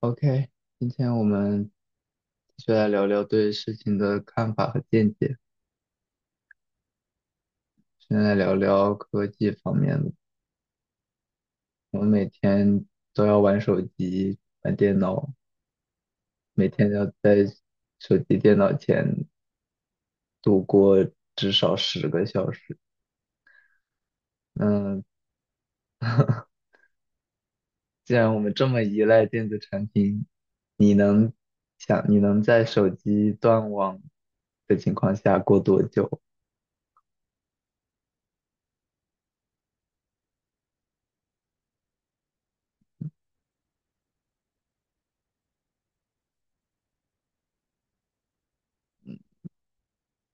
OK，今天我们继续来聊聊对事情的看法和见解。现在来聊聊科技方面的。我们每天都要玩手机、玩电脑，每天要在手机、电脑前度过至少10个小时。嗯，既然我们这么依赖电子产品，想你能在手机断网的情况下过多久？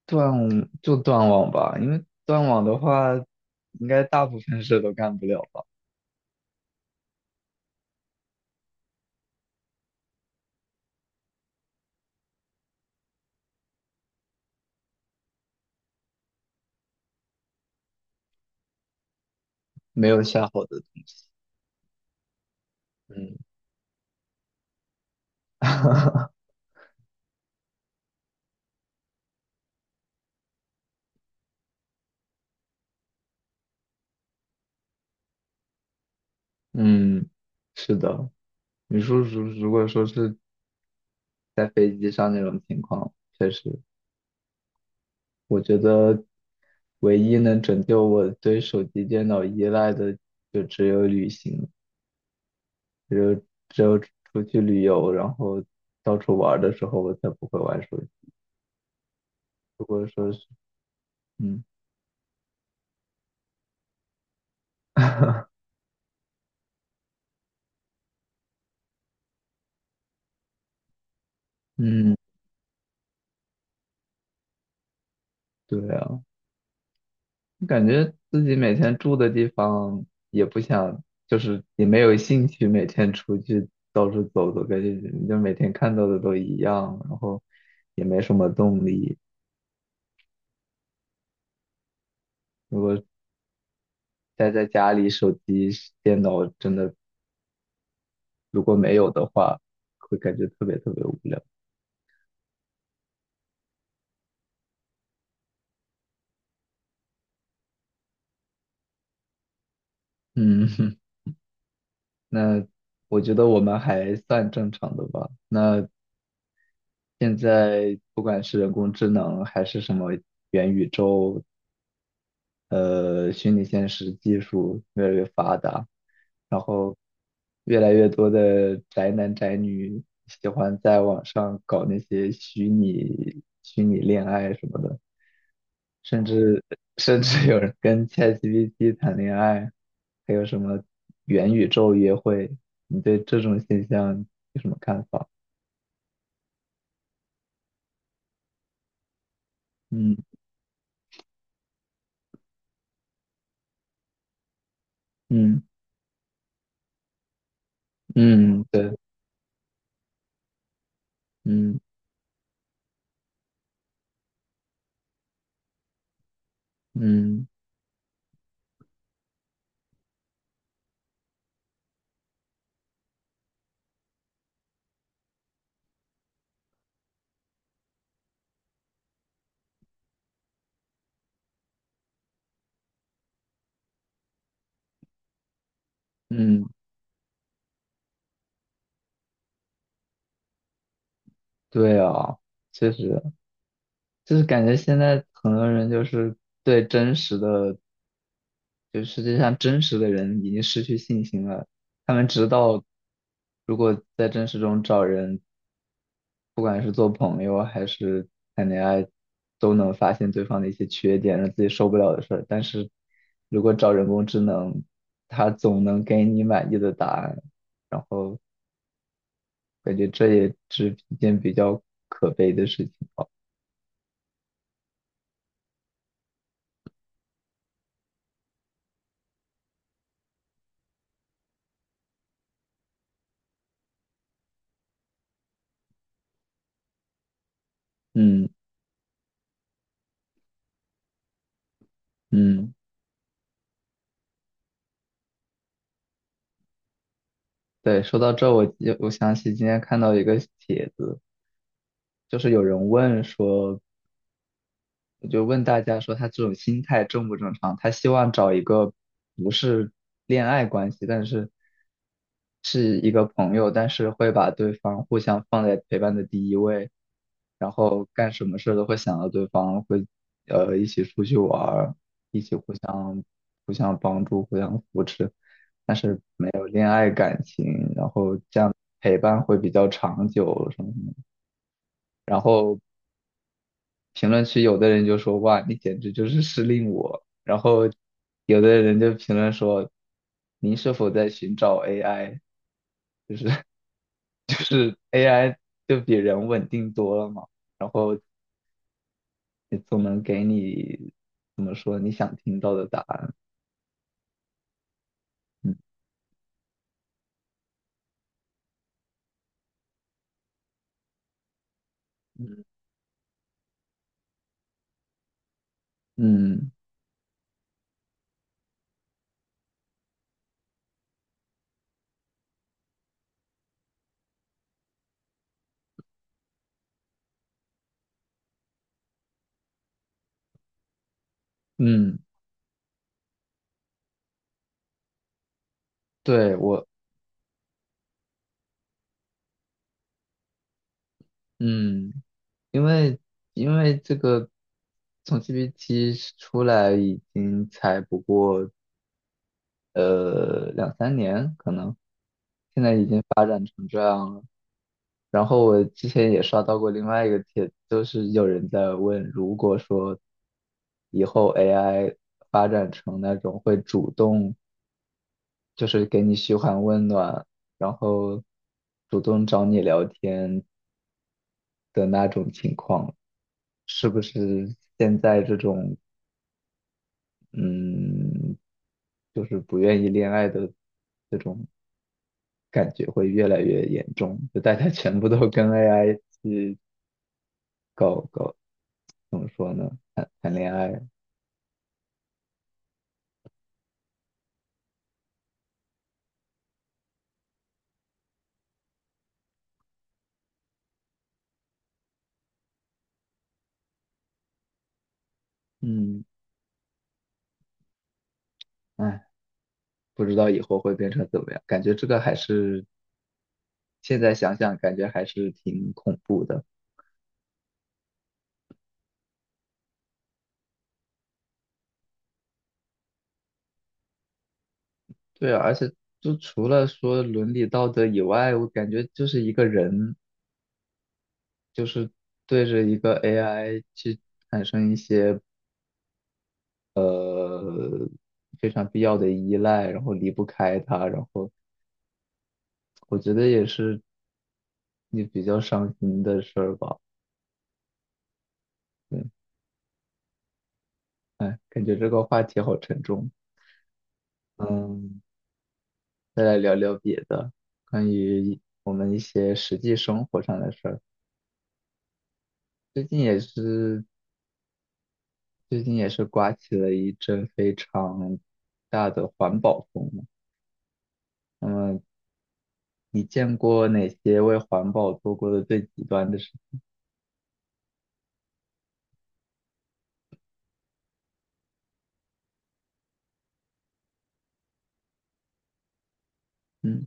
断，就断网吧，因为断网的话，应该大部分事都干不了吧。没有下好的东西。嗯，嗯，是的。你说如果说是在飞机上那种情况，确实，我觉得唯一能拯救我对手机、电脑依赖的，就只有旅行，只有只有出去旅游，然后到处玩儿的时候，我才不会玩手机。如果说是，嗯 嗯，对啊。感觉自己每天住的地方也不想，就是也没有兴趣每天出去到处走走，感觉你就每天看到的都一样，然后也没什么动力。如果待在家里，手机、电脑真的如果没有的话，会感觉特别特别无聊。嗯，那我觉得我们还算正常的吧。那现在不管是人工智能还是什么元宇宙，虚拟现实技术越来越发达，然后越来越多的宅男宅女喜欢在网上搞那些虚拟恋爱什么的，甚至甚至有人跟 ChatGPT 谈恋爱，还有什么元宇宙约会，你对这种现象有什么看法？嗯嗯嗯，对，嗯嗯嗯，对啊，确实。就是感觉现在很多人就是对真实的，就世界上真实的人已经失去信心了。他们知道，如果在真实中找人，不管是做朋友还是谈恋爱，都能发现对方的一些缺点，让自己受不了的事儿。但是如果找人工智能，它总能给你满意的答案，然后感觉这也是一件比较可悲的事情。嗯嗯。对，说到这，我想起今天看到一个帖子，就是有人问说，就问大家说他这种心态正不正常？他希望找一个不是恋爱关系，但是是一个朋友，但是会把对方互相放在陪伴的第一位，然后干什么事都会想到对方，会一起出去玩儿，一起互相帮助、互相扶持，但是没有恋爱感情，然后这样陪伴会比较长久什么什么。然后评论区有的人就说哇，你简直就是失令我，然后有的人就评论说您是否在寻找 AI？就是 AI 就比人稳定多了嘛，然后也总能给你怎么说你想听到的答案。嗯嗯，嗯嗯，对嗯，因为因为这个从 GPT 出来已经才不过两三年，可能现在已经。然后我之前也刷到过另外一个帖子，就是有人在问，如果说以后 AI 发展成那种会主动，就是给你嘘寒问暖，然后主动找你聊天的那种情况，是不是现在这种嗯，就是不愿意恋爱的这种感觉会越来越严重？就大家全部都跟 AI 去怎么说呢？谈谈恋爱。嗯，哎，不知道以后会变成怎么样，感觉这个还是现在想想，感觉还是挺恐怖的。对啊，而且就除了说伦理道德以外，我感觉就是一个人，就是对着一个 AI 去产生一些呃非常必要的依赖，然后离不开它，然后我觉得也是你比较伤心的事儿吧。嗯，哎，感觉这个话题好沉重。嗯。再来聊聊别的，关于我们一些实际生活上的事儿。最近也是，最近也是刮起了一阵非常大的环保风嘛。那么，你见过哪些为环保做过的最极端的事？嗯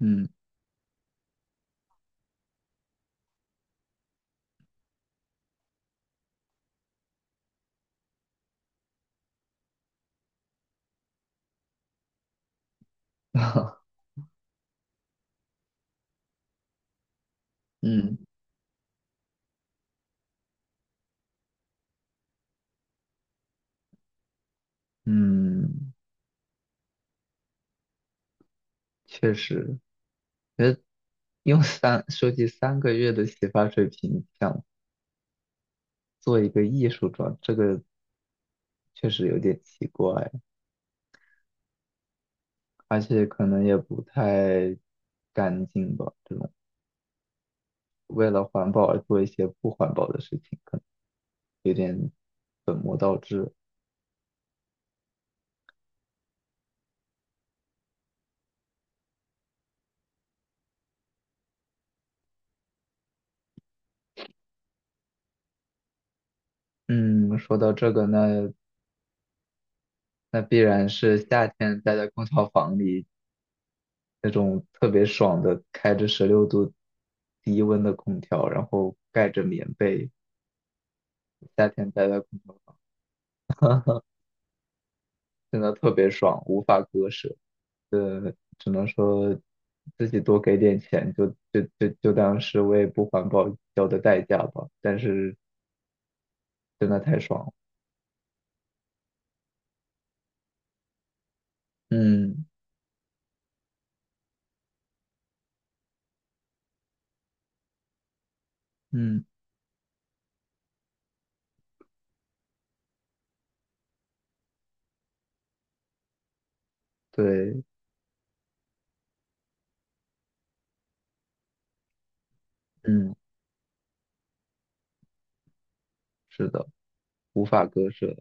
嗯 嗯嗯，确实，收集3个月的洗发水瓶想做一个艺术装，这个确实有点奇怪。而且可能也不太干净吧。这种为了环保而做一些不环保的事情，可能有点……嗯，说到这个，那必然是夏天待在空调房里那种特别爽的，开着16度低温的空调，然后盖着棉被，夏天待在空调。真的特别爽，无法割舍。呃，只能说自己多给点钱，就当是为不环保交的代价吧。但是真的太爽了，嗯嗯，对，嗯，是的，无法割舍。